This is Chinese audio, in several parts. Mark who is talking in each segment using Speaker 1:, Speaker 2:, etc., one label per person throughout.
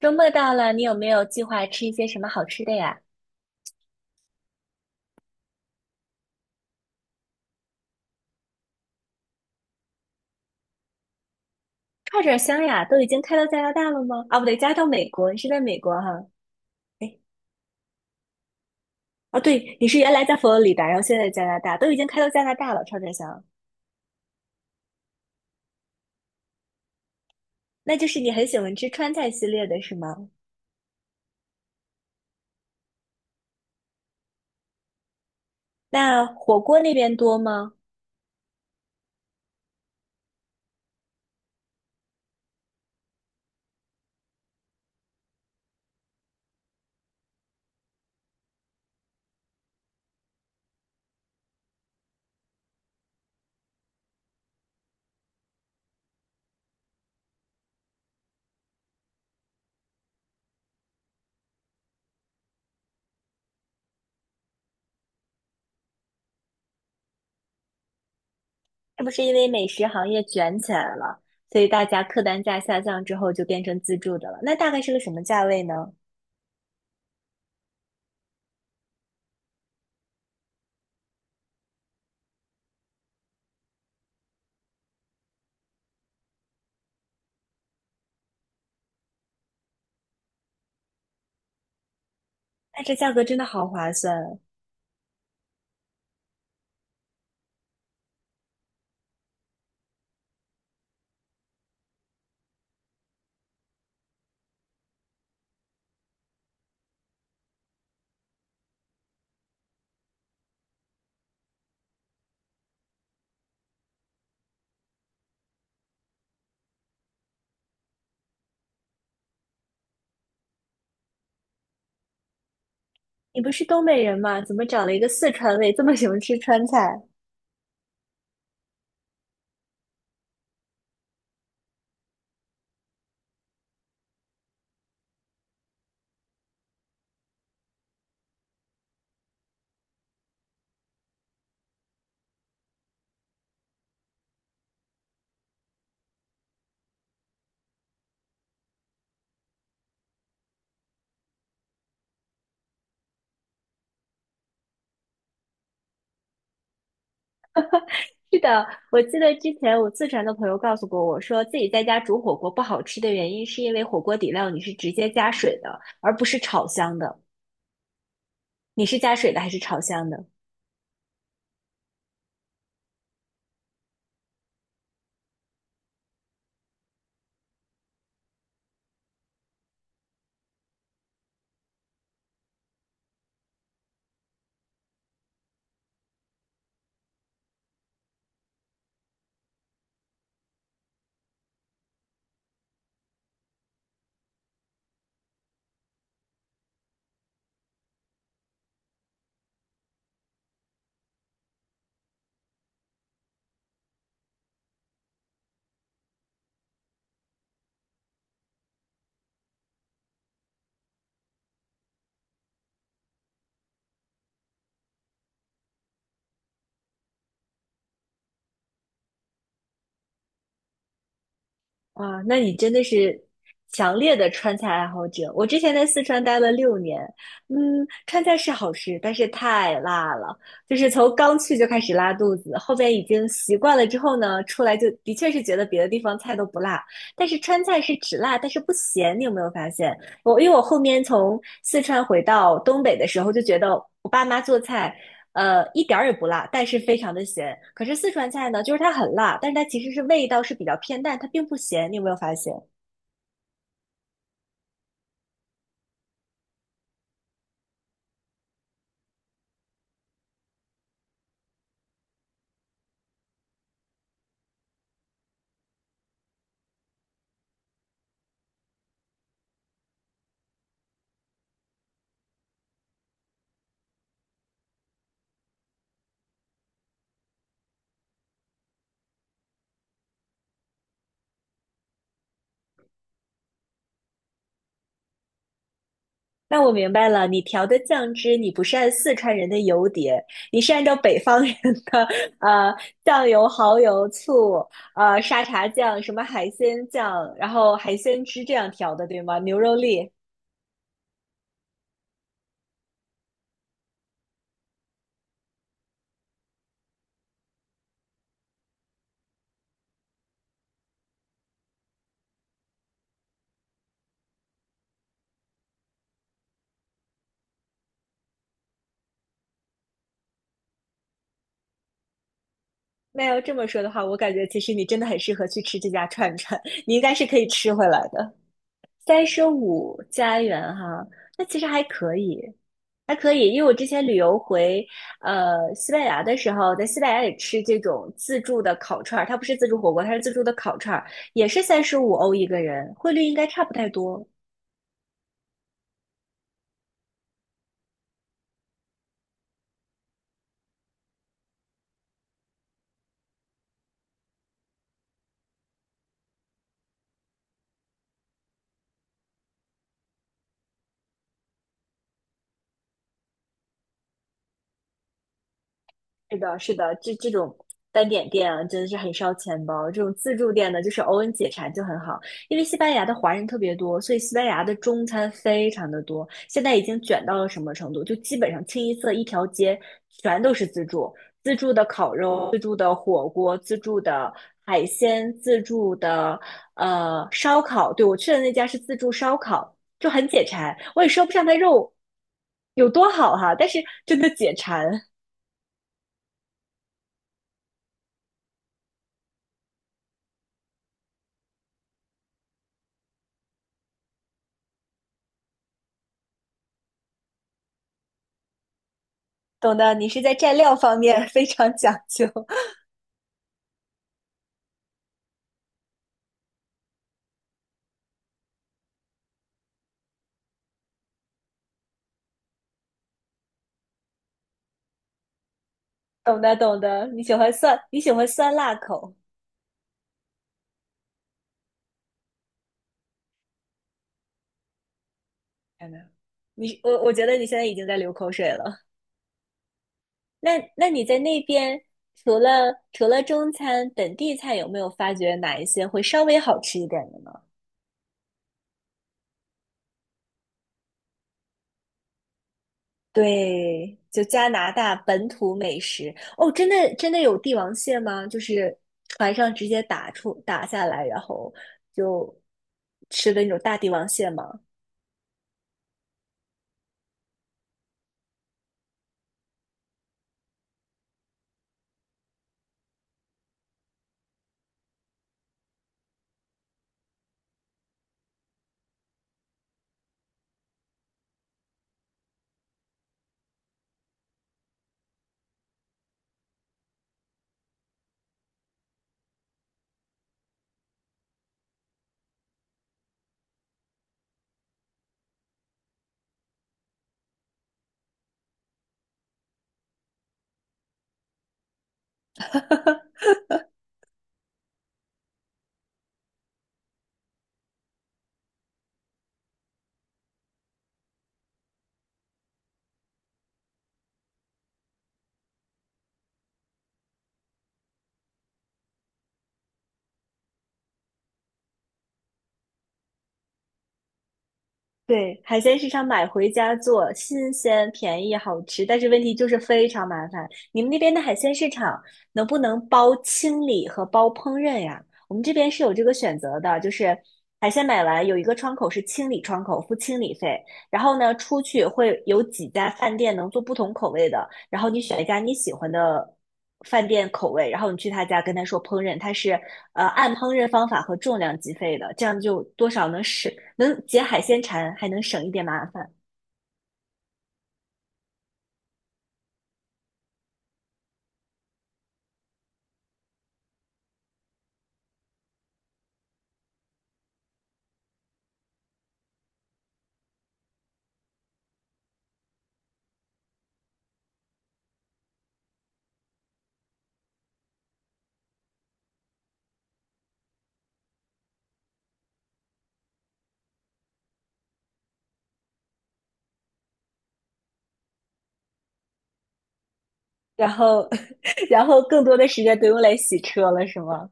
Speaker 1: 周末到了，你有没有计划吃一些什么好吃的呀？串串香呀，都已经开到加拿大了吗？啊，不对，加到美国，你是在美国哈？哎，啊，对，你是原来在佛罗里达，然后现在加拿大，都已经开到加拿大了，串串香。那就是你很喜欢吃川菜系列的是吗？那火锅那边多吗？是不是因为美食行业卷起来了，所以大家客单价下降之后就变成自助的了？那大概是个什么价位呢？那这价格真的好划算。你不是东北人吗？怎么找了一个四川胃，这么喜欢吃川菜？是的，我记得之前我四川的朋友告诉过我说，自己在家煮火锅不好吃的原因是因为火锅底料你是直接加水的，而不是炒香的。你是加水的还是炒香的？哇，那你真的是强烈的川菜爱好者。我之前在四川待了6年，嗯，川菜是好吃，但是太辣了，就是从刚去就开始拉肚子，后边已经习惯了之后呢，出来就的确是觉得别的地方菜都不辣，但是川菜是只辣但是不咸，你有没有发现？我因为我后面从四川回到东北的时候，就觉得我爸妈做菜，一点儿也不辣，但是非常的咸。可是四川菜呢，就是它很辣，但是它其实是味道是比较偏淡，它并不咸。你有没有发现？那我明白了，你调的酱汁，你不是按四川人的油碟，你是按照北方人的呃酱油、蚝油、醋、沙茶酱、什么海鲜酱，然后海鲜汁这样调的，对吗？牛肉粒。那要这么说的话，我感觉其实你真的很适合去吃这家串串，你应该是可以吃回来的。35家园哈，那其实还可以，还可以，因为我之前旅游回西班牙的时候，在西班牙也吃这种自助的烤串儿，它不是自助火锅，它是自助的烤串儿，也是35欧一个人，汇率应该差不太多。是的，是的，这种单点店啊，真的是很烧钱包。这种自助店呢，就是偶尔解馋就很好。因为西班牙的华人特别多，所以西班牙的中餐非常的多。现在已经卷到了什么程度？就基本上清一色一条街全都是自助，自助的烤肉、自助的火锅、自助的海鲜、自助的烧烤。对，我去的那家是自助烧烤，就很解馋。我也说不上它肉有多好哈，但是真的解馋。懂的，你是在蘸料方面 非常讲究。懂的，懂的，你喜欢酸，你喜欢酸辣口。天呐，你我觉得你现在已经在流口水了。那那你在那边除了中餐，本地菜有没有发觉哪一些会稍微好吃一点的呢？对，就加拿大本土美食哦，真的真的有帝王蟹吗？就是船上直接打下来，然后就吃的那种大帝王蟹吗？对，海鲜市场买回家做，新鲜、便宜、好吃，但是问题就是非常麻烦。你们那边的海鲜市场能不能包清理和包烹饪呀？我们这边是有这个选择的，就是海鲜买完有一个窗口是清理窗口，付清理费，然后呢出去会有几家饭店能做不同口味的，然后你选一家你喜欢的饭店口味，然后你去他家跟他说烹饪，他是按烹饪方法和重量计费的，这样就多少能省能解海鲜馋，还能省一点麻烦。然后 然后更多的时间都用来洗车了，是吗？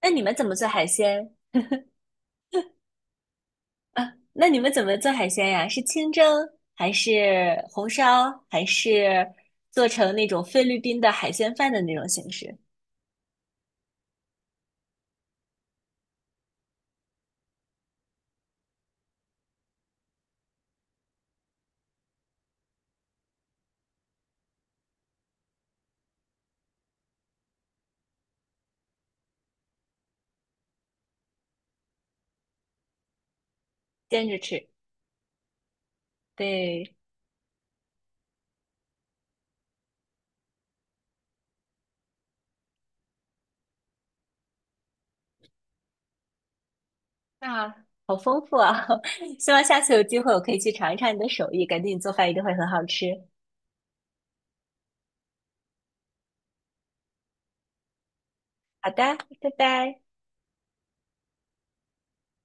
Speaker 1: 那你们怎么做海鲜啊？那你们怎么做海鲜呀？是清蒸还是红烧，还是做成那种菲律宾的海鲜饭的那种形式，煎着吃？对。啊，好丰富啊！希望下次有机会我可以去尝一尝你的手艺，感觉你做饭一定会很好吃。好的，拜拜。